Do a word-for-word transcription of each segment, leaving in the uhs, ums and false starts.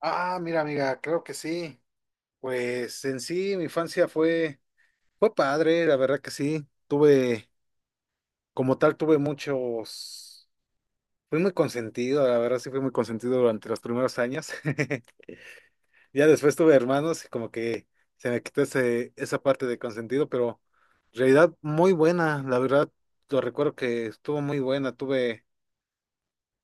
Ah, mira, amiga, creo que sí. Pues en sí, mi infancia fue, fue padre, la verdad que sí. Tuve, como tal, tuve muchos, fui muy consentido, la verdad sí fui muy consentido durante los primeros años. Ya después tuve hermanos y como que se me quitó ese, esa parte de consentido, pero en realidad muy buena, la verdad, lo recuerdo que estuvo muy buena. Tuve,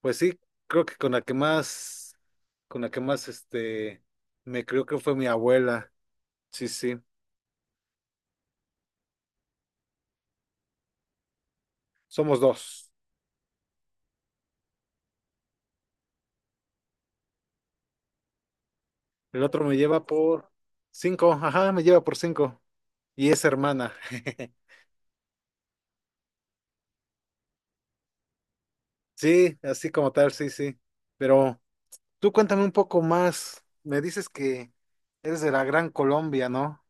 pues sí, creo que con la que más, con la que más, este, me creo que fue mi abuela. Sí, sí. Somos dos. El otro me lleva por cinco. Ajá, me lleva por cinco. Y es hermana. Sí, así como tal, sí, sí. Pero tú cuéntame un poco más. Me dices que eres de la Gran Colombia, ¿no?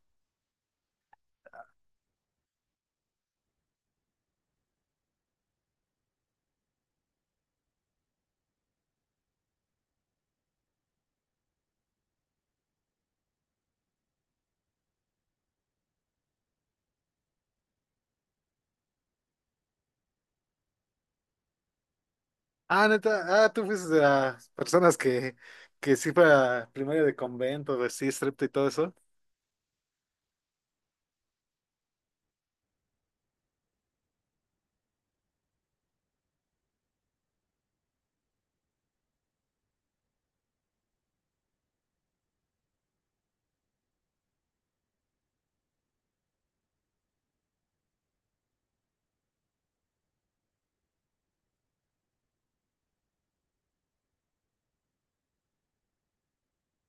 Ah, neta, ah, tú fuiste de las personas que, que sí fue a primaria de convento, de sí, striptease y todo eso.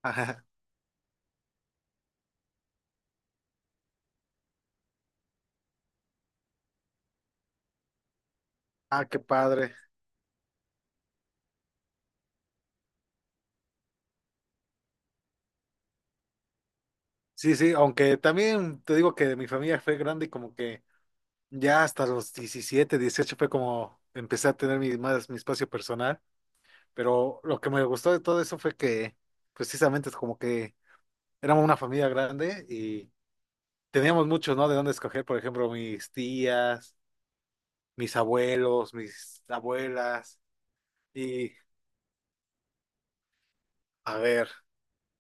Ajá. Ah, qué padre. Sí, sí, aunque también te digo que mi familia fue grande y como que ya hasta los diecisiete, dieciocho fue como empecé a tener mi, más mi espacio personal, pero lo que me gustó de todo eso fue que precisamente es como que éramos una familia grande y teníamos muchos, ¿no? De dónde escoger, por ejemplo, mis tías, mis abuelos, mis abuelas y a ver,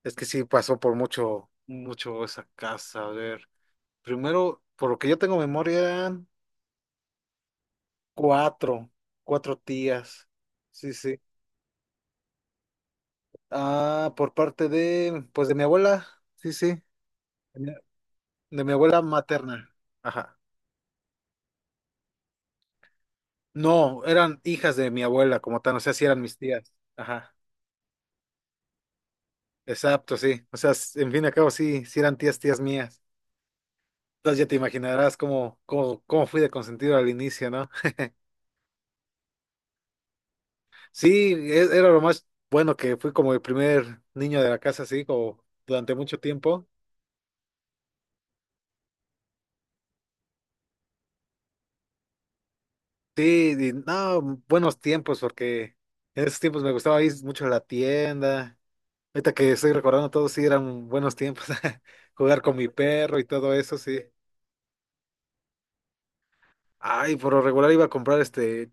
es que sí pasó por mucho, mucho esa casa, a ver. Primero, por lo que yo tengo memoria, eran cuatro, cuatro tías. Sí, sí. Ah, por parte de, pues de mi abuela, sí, sí, de mi de mi abuela materna. Ajá. No, eran hijas de mi abuela como tal, o sea, sí eran mis tías. Ajá. Exacto, sí. O sea, s- en fin y al cabo, sí, sí eran tías, tías mías. Entonces ya te imaginarás cómo, cómo, cómo fui de consentido al inicio, ¿no? Sí, e- era lo más bueno que fui como el primer niño de la casa, sí, como durante mucho tiempo. Sí, y no, buenos tiempos, porque en esos tiempos me gustaba ir mucho a la tienda. Ahorita que estoy recordando todo, sí eran buenos tiempos. Jugar con mi perro y todo eso, sí. Ay, por lo regular iba a comprar este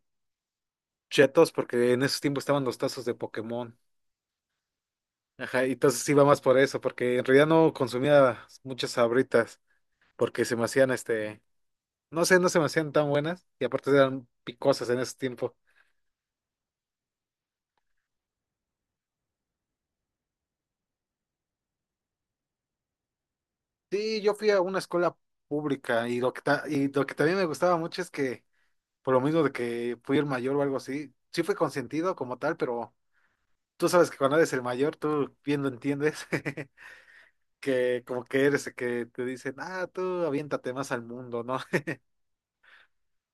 chetos porque en esos tiempos estaban los tazos de Pokémon. Ajá, y entonces iba más por eso, porque en realidad no consumía muchas sabritas, porque se me hacían este, no sé, no se me hacían tan buenas y aparte eran picosas en ese tiempo. Sí, yo fui a una escuela pública y lo que, ta- y lo que también me gustaba mucho es que, por lo mismo de que fui el mayor o algo así, sí fui consentido como tal, pero tú sabes que cuando eres el mayor, tú bien lo entiendes, que como que eres el que te dicen, ah, tú aviéntate más al mundo, ¿no?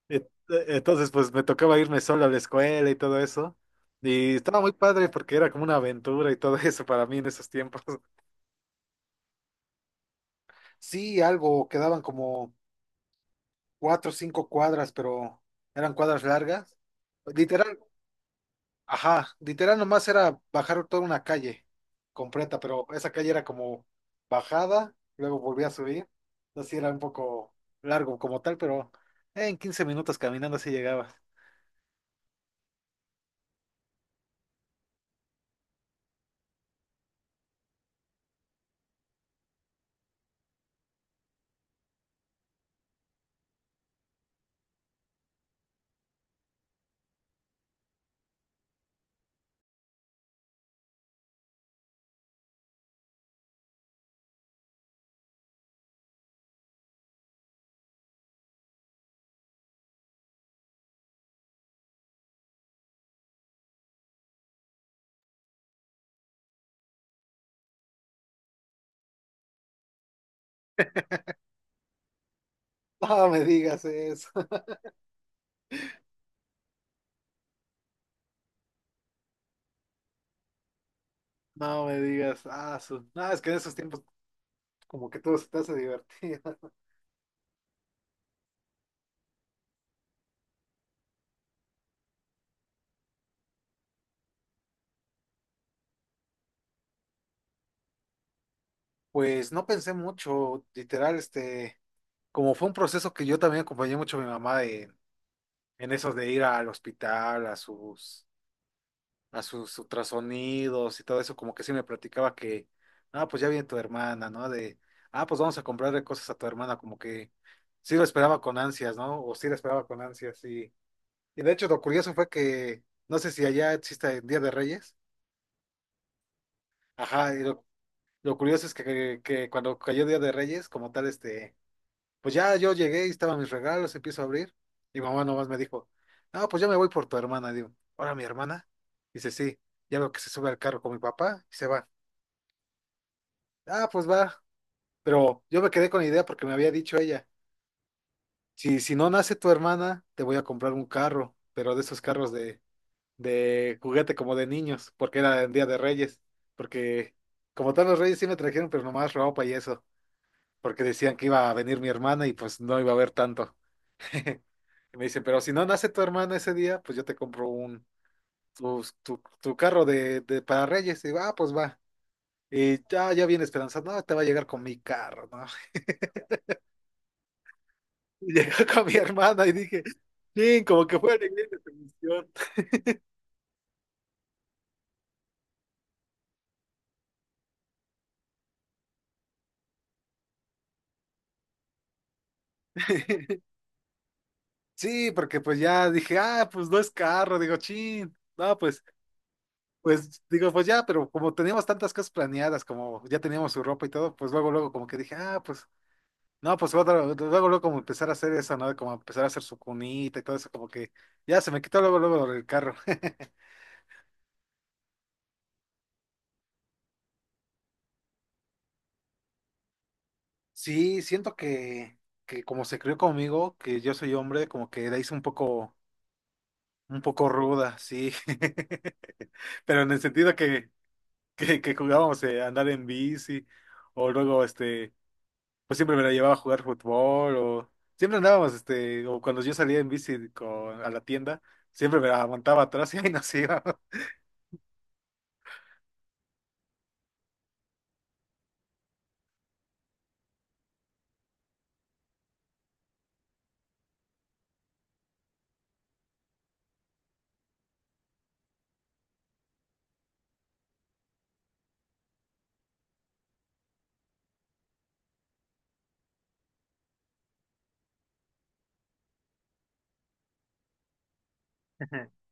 Ent- Entonces, pues me tocaba irme solo a la escuela y todo eso. Y estaba muy padre porque era como una aventura y todo eso para mí en esos tiempos. Sí, algo, quedaban como cuatro o cinco cuadras, pero eran cuadras largas. Literal. Ajá, literal nomás era bajar toda una calle completa, pero esa calle era como bajada, luego volvía a subir. Así era un poco largo como tal, pero en quince minutos caminando así llegabas. No me digas eso, no me digas, ah, su- no, es que en esos tiempos como que todo se te hace divertido. Pues no pensé mucho, literal, este, como fue un proceso que yo también acompañé mucho a mi mamá en, en eso de ir al hospital, a sus a sus ultrasonidos y todo eso, como que sí me platicaba que, ah, pues ya viene tu hermana, ¿no? De, ah, pues vamos a comprarle cosas a tu hermana, como que sí lo esperaba con ansias, ¿no? O sí lo esperaba con ansias, y, y de hecho lo curioso fue que, no sé si allá existe el Día de Reyes, ajá, y lo, lo curioso es que, que cuando cayó Día de Reyes, como tal, este, pues ya yo llegué y estaban mis regalos, empiezo a abrir, y mamá nomás me dijo, no, pues ya me voy por tu hermana, digo, ahora mi hermana, dice, sí, ya veo que se sube al carro con mi papá y se va. Ah, pues va. Pero yo me quedé con la idea porque me había dicho ella, si, si no nace tu hermana, te voy a comprar un carro, pero de esos carros de, de juguete como de niños, porque era el Día de Reyes, porque como tal los Reyes sí me trajeron, pero nomás ropa y eso, porque decían que iba a venir mi hermana y pues no iba a haber tanto. Y me dice, pero si no nace tu hermana ese día, pues yo te compro un, tu, tu, tu carro de, de para Reyes. Y digo, ah, pues va. Y ya, ya viene esperanzado, no, te va a llegar con mi carro, ¿no? Y llegué con mi hermana y dije, sí, como que fue alegría de transmisión. Sí, porque pues ya dije, ah, pues no es carro, digo, chin, no, pues, pues, digo, pues ya, pero como teníamos tantas cosas planeadas, como ya teníamos su ropa y todo, pues luego, luego como que dije, ah, pues, no, pues otra- luego, luego como empezar a hacer eso, ¿no? Como empezar a hacer su cunita y todo eso, como que ya se me quitó luego, luego lo del carro. Sí, siento que, que como se crió conmigo, que yo soy hombre, como que la hice un poco un poco ruda, sí. Pero en el sentido que, que, que jugábamos eh, a andar en bici, o luego, este, pues siempre me la llevaba a jugar fútbol, o siempre andábamos, este, o cuando yo salía en bici con, a la tienda, siempre me la aguantaba atrás y ahí nos íbamos.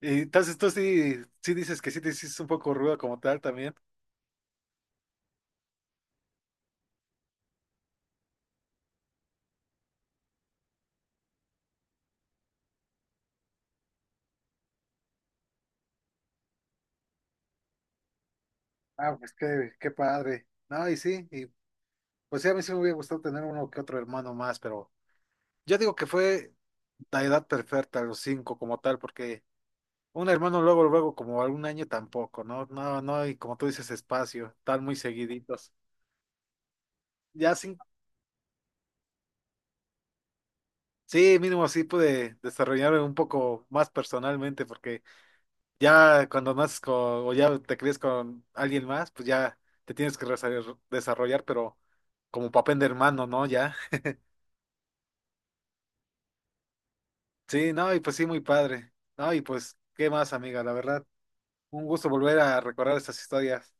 Y entonces tú sí, sí dices que sí te hiciste un poco ruda como tal también. Ah, pues qué, qué padre. No, y sí, y pues sí, a mí sí me hubiera gustado tener uno que otro hermano más, pero yo digo que fue la edad perfecta, los cinco como tal, porque un hermano luego, luego como algún año tampoco, ¿no? No, no, y como tú dices, espacio, están muy seguiditos. Ya sí, sí, mínimo así pude desarrollarme un poco más personalmente, porque ya cuando naces con, o ya te crees con alguien más, pues ya te tienes que resa- desarrollar, pero como papel de hermano, ¿no? Ya. Sí, no, y pues sí, muy padre. No, y pues, ¿qué más, amiga? La verdad, un gusto volver a recordar estas historias.